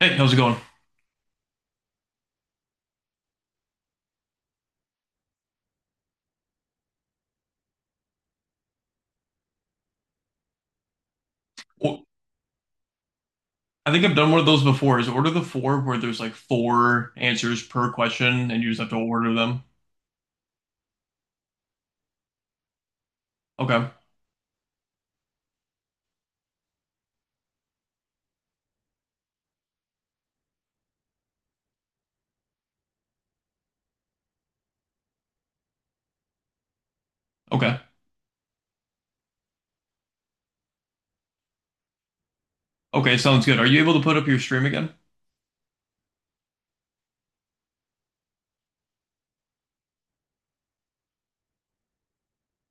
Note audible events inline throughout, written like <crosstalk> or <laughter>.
Hey, how's it going? Well, I think I've done one of those before. Is order the four where there's like four answers per question and you just have to order them? Okay. Okay. Okay, sounds good. Are you able to put up your stream again?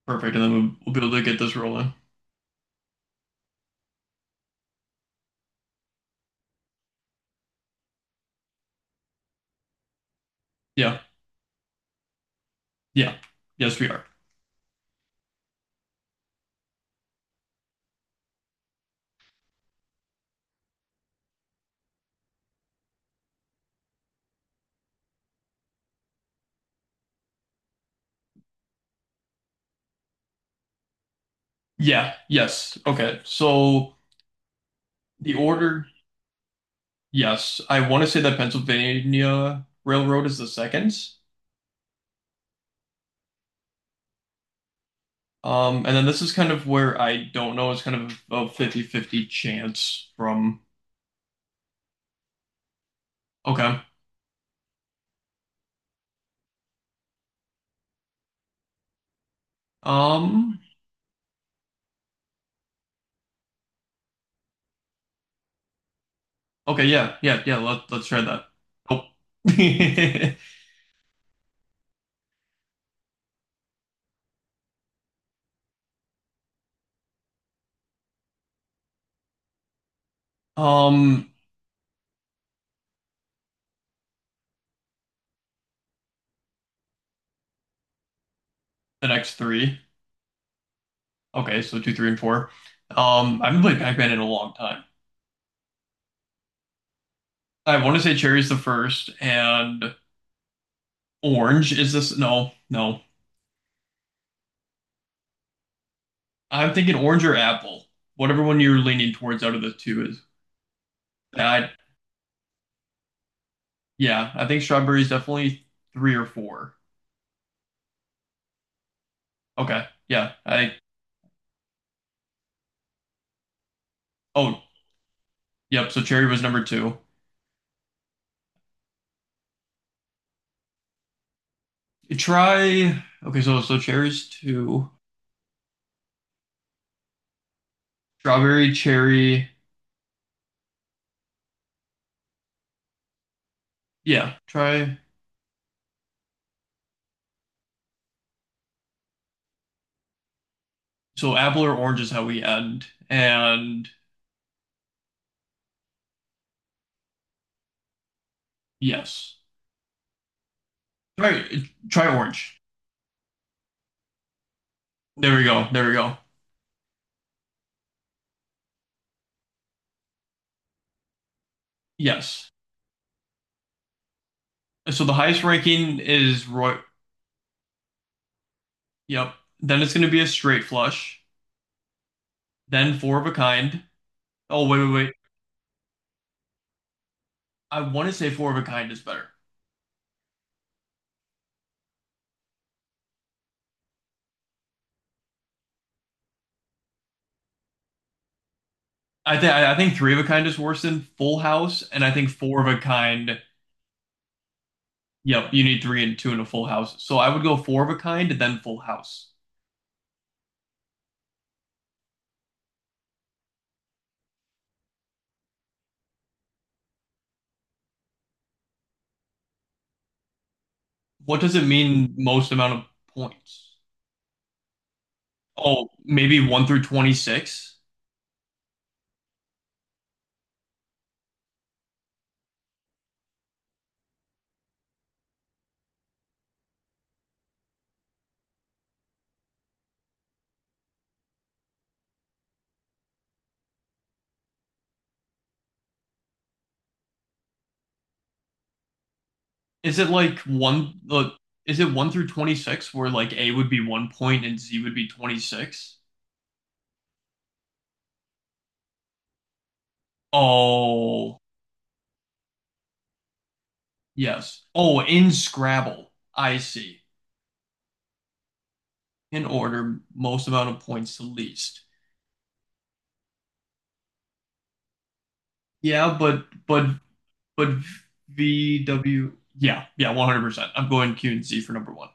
Perfect. And then we'll be able to get this rolling. Yeah. Yeah. Yes, we are. Yeah. Yes. Okay. So the order, yes. I want to say that Pennsylvania Railroad is the second. And then this is kind of where I don't know. It's kind of a fifty-fifty chance from. Okay. Um, Okay, yeah, yeah, yeah. Let's try that. Oh. <laughs> Um, the next three. Okay, so two, three, and four. I haven't played Pac-Man in a long time. I want to say cherry's the first, and orange is this. No, no. I'm thinking orange or apple. Whatever one you're leaning towards out of the two is. I, yeah, I think strawberry's definitely three or four. Okay, yeah. Oh, yep. So cherry was number two. Try. Okay, so cherry's two. Strawberry, cherry. Yeah, try. So apple or orange is how we end. And yes. Try try orange. There we go. There we go. Yes. So the highest ranking is Roy. Yep. Then it's going to be a straight flush. Then four of a kind. Oh, wait, wait, wait. I want to say four of a kind is better. I think three of a kind is worse than full house, and I think four of a kind. Yep, you need three and two in a full house. So I would go four of a kind, then full house. What does it mean most amount of points? Oh, maybe one through 26? Is it like one, uh, is it one through 26 where like A would be 1 point and Z would be 26? Oh, yes. Oh, in Scrabble. I see. In order, most amount of points to least. Yeah, but VW. Yeah, yeah, 100%. I'm going Q and Z for number one.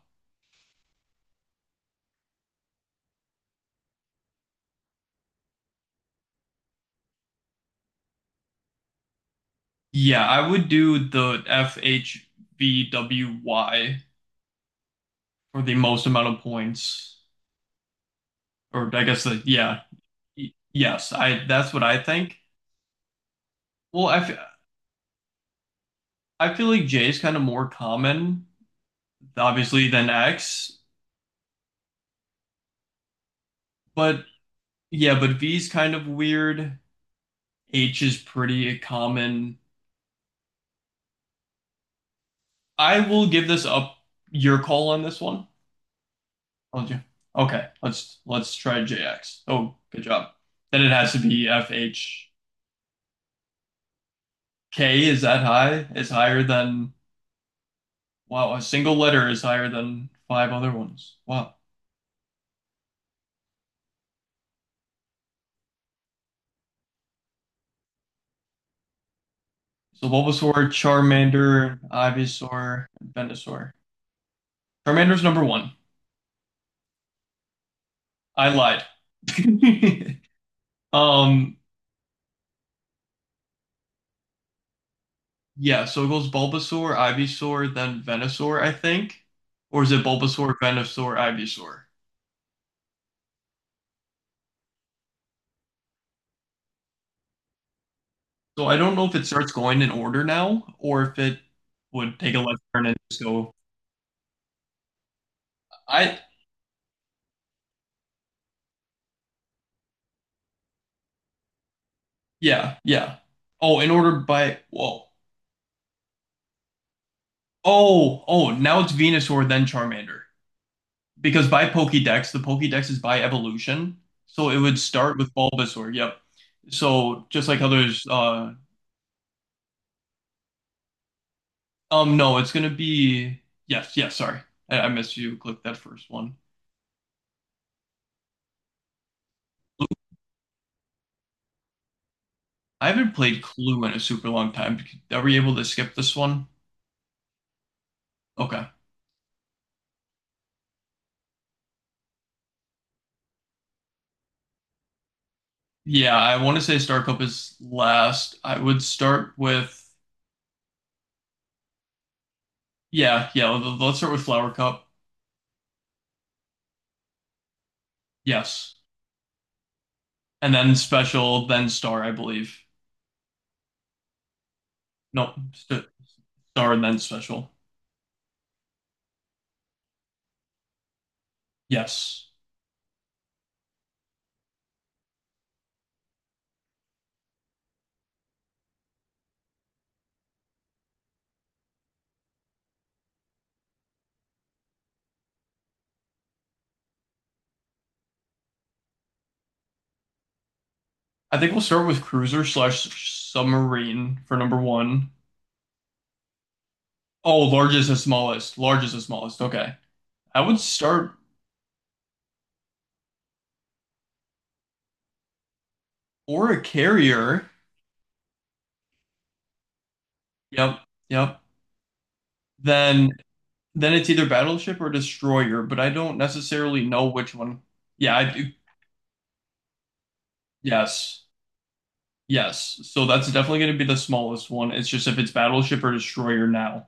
Yeah, I would do the F H V W Y for the most amount of points. Or I guess yeah. Yes, I that's what I think. Well, I feel like J is kind of more common, obviously, than X, but yeah, but V is kind of weird. H is pretty common. I will give this up your call on this one. I'll do. Okay, let's try JX. Oh, good job. Then it has to be FHK. Is that high? Is higher than wow, a single letter is higher than five other ones. Wow. So Bulbasaur, Charmander, Ivysaur, and Venusaur. Charmander's number one. I lied. <laughs> Um, yeah, so it goes Bulbasaur, Ivysaur, then Venusaur, I think. Or is it Bulbasaur, Venusaur, Ivysaur? So I don't know if it starts going in order now or if it would take a left turn and just go. I Yeah, yeah. Oh, in order by whoa. Oh, now it's Venusaur, then Charmander. Because by Pokédex, the Pokédex is by evolution. So it would start with Bulbasaur. Yep. So just like others, no, it's gonna be yes, yes. Sorry, I missed you. Click that first one. I haven't played Clue in a super long time. Are we able to skip this one? Okay. Yeah, I want to say Star Cup is last. I would start with, yeah, yeah. Let's start with Flower Cup. Yes, and then Special, then Star, I believe. No, Star and then Special. Yes. I think we'll start with cruiser slash submarine for number one. Oh, largest and smallest. Largest and smallest. Okay. I would start or a carrier. Yep. Yep. Then then it's either battleship or destroyer, but I don't necessarily know which one. Yeah, I do. Yes. Yes. So that's definitely going to be the smallest one. It's just if it's battleship or destroyer now.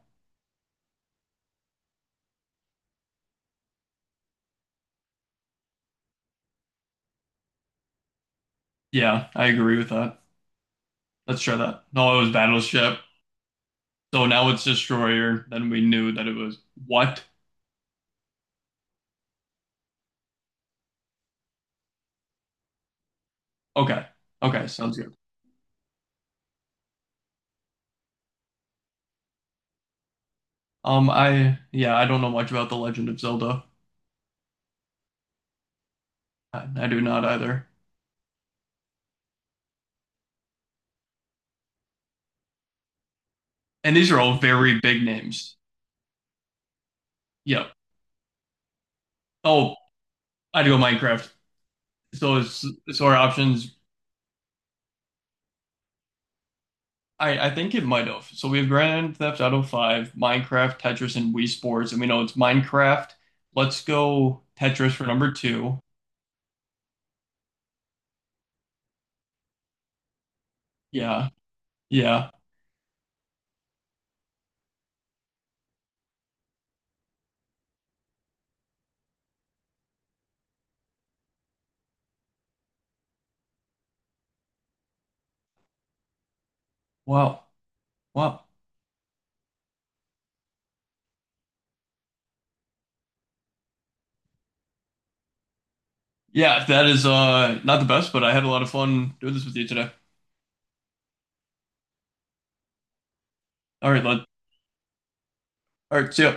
Yeah, I agree with that. Let's try that. No, it was battleship. So now it's destroyer. Then we knew that it was what? Okay. Okay, sounds good. I Yeah, I don't know much about The Legend of Zelda. I do not either. And these are all very big names. Yep. Oh, I'd go Minecraft. So it's so our options. I think it might have. So we have Grand Theft Auto 5, Minecraft, Tetris, and Wii Sports, and we know it's Minecraft. Let's go Tetris for number two. Yeah. Yeah. Wow. Wow. Yeah, that is not the best, but I had a lot of fun doing this with you today. All right, all right, see ya.